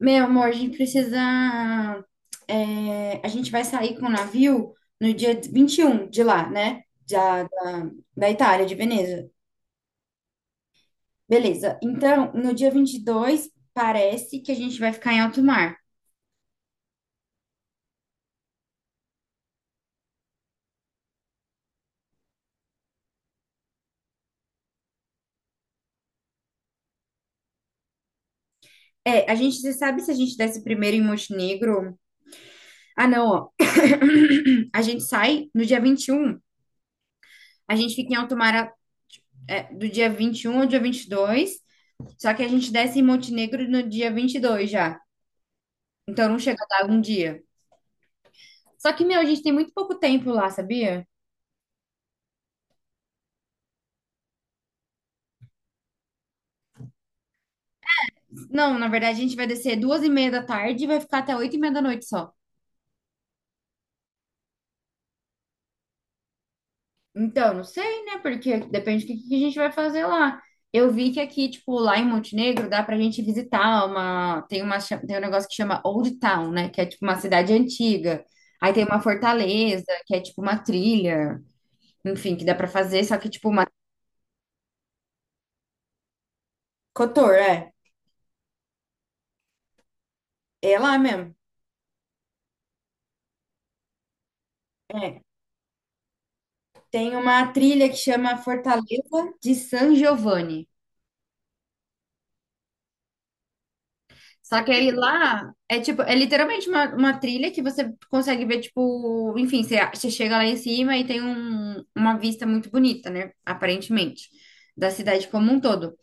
Meu amor, a gente precisa. É, a gente vai sair com o navio no dia 21 de lá, né? Da, da, da Itália, de Veneza. Beleza. Então, no dia 22 parece que a gente vai ficar em alto mar. É, você sabe se a gente desce primeiro em Montenegro? Ah, não, ó. A gente sai no dia 21. A gente fica em alto mar, é, do dia 21 ao dia 22. Só que a gente desce em Montenegro no dia 22 já. Então, não chega a dar um dia. Só que, meu, a gente tem muito pouco tempo lá, sabia? Não, na verdade, a gente vai descer 2h30 da tarde e vai ficar até 8h30 da noite só. Então, não sei, né? Porque depende do que a gente vai fazer lá. Eu vi que aqui, tipo, lá em Montenegro, dá pra gente visitar Tem um negócio que chama Old Town, né? Que é, tipo, uma cidade antiga. Aí tem uma fortaleza, que é, tipo, uma trilha. Enfim, que dá pra fazer, só que, tipo. Cotor, é. É lá mesmo. É. Tem uma trilha que chama Fortaleza de San Giovanni. Só que aí lá é tipo, é literalmente uma trilha que você consegue ver, tipo, enfim, você chega lá em cima e tem uma vista muito bonita, né? Aparentemente, da cidade como um todo.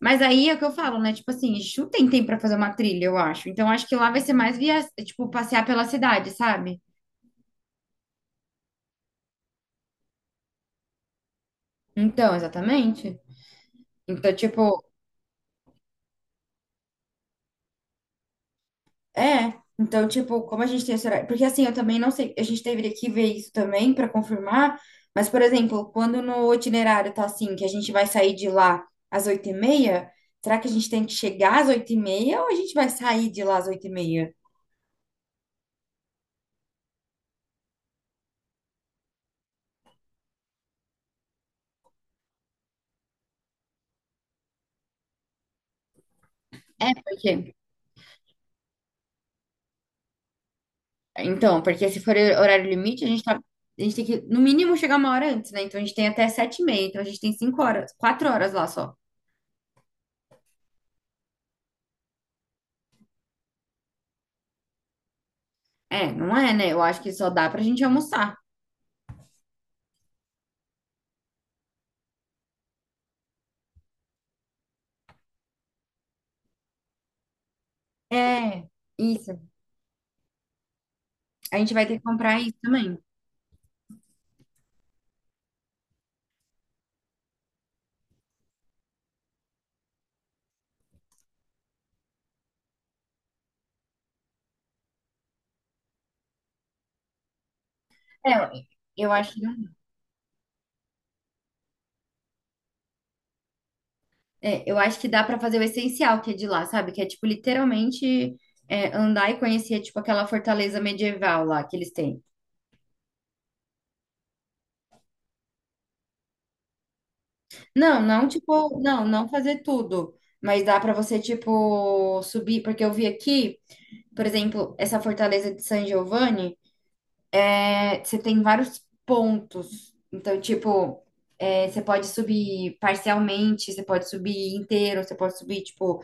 Mas aí é o que eu falo, né? Tipo assim, chutem tem tempo pra fazer uma trilha, eu acho. Então acho que lá vai ser mais via, tipo, passear pela cidade, sabe? Então, exatamente. Então, tipo, É, então, tipo, como a gente tem esse horário. Porque assim, eu também não sei, a gente deveria que ver isso também para confirmar. Mas, por exemplo, quando no itinerário tá assim, que a gente vai sair de lá às 8h30, será que a gente tem que chegar às 8h30 ou a gente vai sair de lá às oito e meia? É, porque. Então, porque se for horário limite, a gente tá. A gente tem que, no mínimo, chegar 1 hora antes, né? Então a gente tem até 7h30, então a gente tem 5 horas, 4 horas lá só. É, não é, né? Eu acho que só dá pra gente almoçar. É, isso. A gente vai ter que comprar isso também. É, eu acho que, dá pra fazer o essencial que é de lá, sabe? Que é, tipo, literalmente andar e conhecer, tipo, aquela fortaleza medieval lá que eles têm. Não, não, tipo, não, não fazer tudo. Mas dá pra você, tipo, subir. Porque eu vi aqui, por exemplo, essa fortaleza de San Giovanni, você tem vários pontos. Então, tipo, você pode subir parcialmente, você pode subir inteiro, você pode subir, tipo,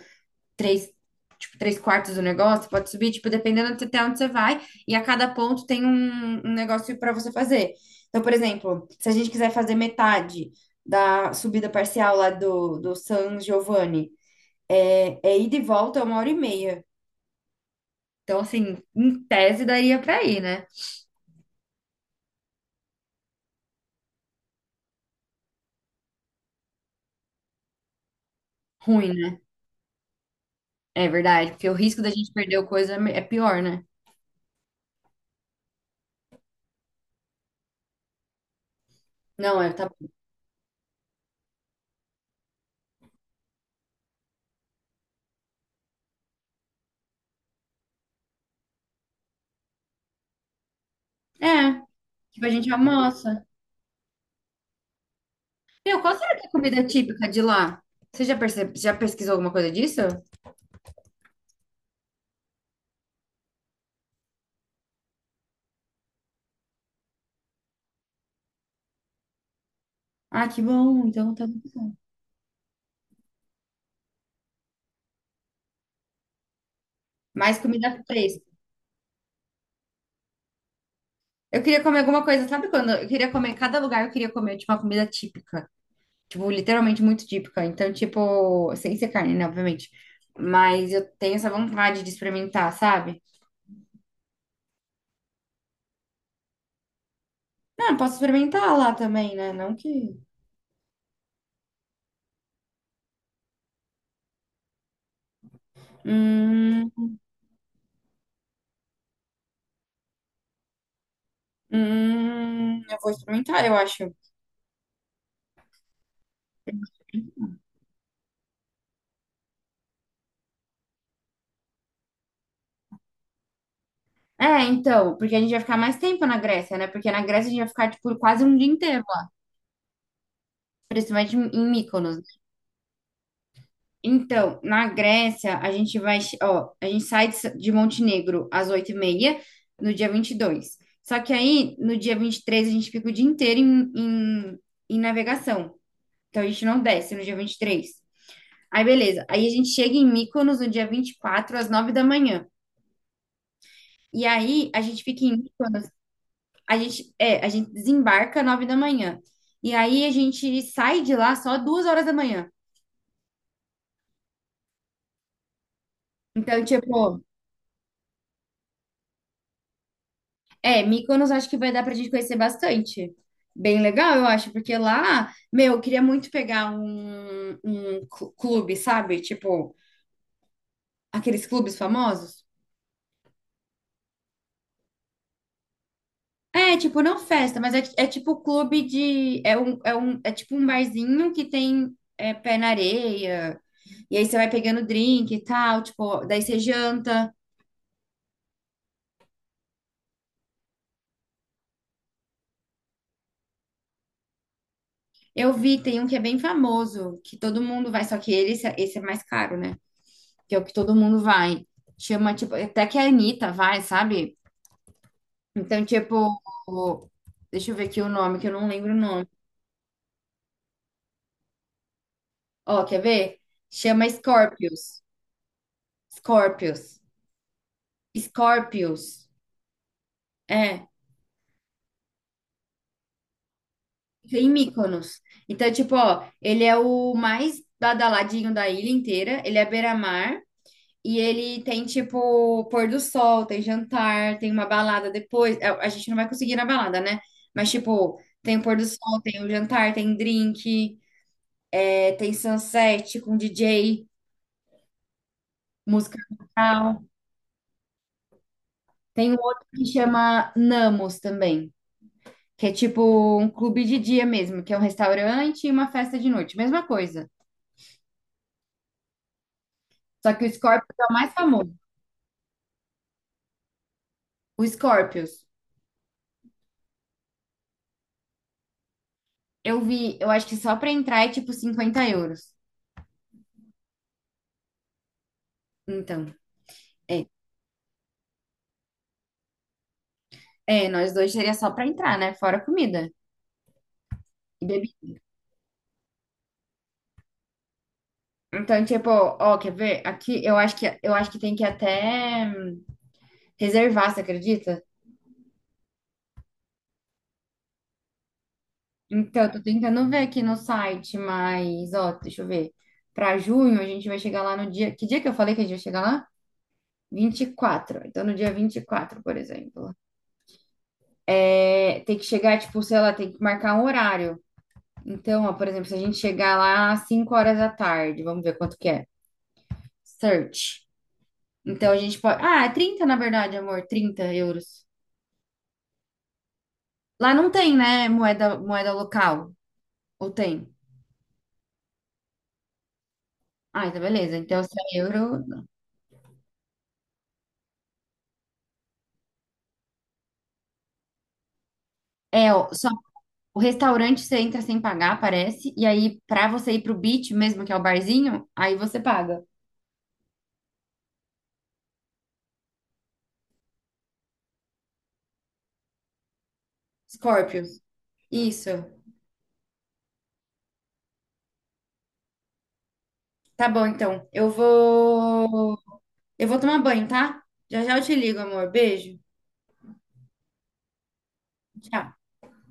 três, tipo, três quartos do negócio, pode subir, tipo, dependendo até onde você vai, e a cada ponto tem um negócio para você fazer. Então, por exemplo, se a gente quiser fazer metade da subida parcial lá do San Giovanni, é ida e volta 1h30. Então, assim, em tese daria para ir, né? Ruim, né? É verdade, porque o risco da gente perder coisa é pior, né? Não, é, tá. É, tipo, a gente almoça. Meu, qual será que é a comida típica de lá? Você já percebe, já pesquisou alguma coisa disso? Ah, que bom. Então tá mais comida fresca. Eu queria comer alguma coisa, sabe quando? Eu queria comer, cada lugar eu queria comer tipo, uma comida típica. Tipo, literalmente muito típica. Então, tipo, sem ser carne, né, obviamente. Mas eu tenho essa vontade de experimentar, sabe? Ah, posso experimentar lá também, né? Não que. Hum, eu vou experimentar, eu acho. É, então, porque a gente vai ficar mais tempo na Grécia, né? Porque na Grécia a gente vai ficar, tipo, quase um dia inteiro, lá, principalmente em Mykonos. Então, na Grécia, a gente vai, che- ó, a gente sai de Montenegro às 8h30 no dia 22. Só que aí, no dia 23 a gente fica o dia inteiro em navegação. Então, a gente não desce no dia 23. Aí, beleza. Aí, a gente chega em Mykonos no dia 24 às 9h da manhã. E aí, a gente fica em Mykonos, a gente desembarca às 9h da manhã. E aí, a gente sai de lá só 2h da manhã. Então, tipo, É, Mykonos acho que vai dar pra gente conhecer bastante. Bem legal, eu acho, porque lá, meu, eu queria muito pegar um clube, sabe? Tipo, aqueles clubes famosos. É, tipo, não festa, mas é tipo clube de. É tipo um barzinho que tem pé na areia. E aí você vai pegando drink e tal, tipo, daí você janta. Eu vi, tem um que é bem famoso, que todo mundo vai, só que ele, esse é mais caro, né? Que é o que todo mundo vai. Chama, tipo, até que a Anitta vai, sabe? Então, tipo, o- deixa eu ver aqui o nome, que eu não lembro o nome. Ó, quer ver? Chama Scorpius. Scorpius. Scorpius. É, fica em Mykonos. Então, tipo, ó, ele é o mais badaladinho da ilha inteira, ele é beira-mar. E ele tem, tipo, pôr do sol, tem jantar, tem uma balada depois. A gente não vai conseguir ir na balada, né? Mas, tipo, tem o pôr do sol, tem o jantar, tem drink, tem sunset com DJ, música local. Tem um outro que chama Namos também, que é tipo um clube de dia mesmo, que é um restaurante e uma festa de noite. Mesma coisa. Só que o Scorpios é o mais famoso. O Scorpios. Eu vi, eu acho que só pra entrar é tipo 50 euros. Então. é É, nós dois seria só pra entrar, né? Fora comida e bebida. Então, tipo, ó, quer ver? Aqui eu acho que tem que até reservar, você acredita? Então, eu tô tentando ver aqui no site, mas ó, deixa eu ver. Pra junho a gente vai chegar lá no dia. Que dia que eu falei que a gente vai chegar lá? 24. Então, no dia 24, por exemplo. É, tem que chegar, tipo, sei lá, tem que marcar um horário. Então, ó, por exemplo, se a gente chegar lá às 5h da tarde, vamos ver quanto que é. Search. Então a gente pode. Ah, é 30 na verdade, amor, 30 euros. Lá não tem, né, moeda local? Ou tem? Ah, então beleza. Então se é euro. É, ó, só o restaurante você entra sem pagar, parece. E aí, pra você ir pro beach mesmo, que é o barzinho, aí você paga. Scorpios. Isso. Tá bom, então. Eu vou tomar banho, tá? Já já eu te ligo, amor. Beijo. Tchau.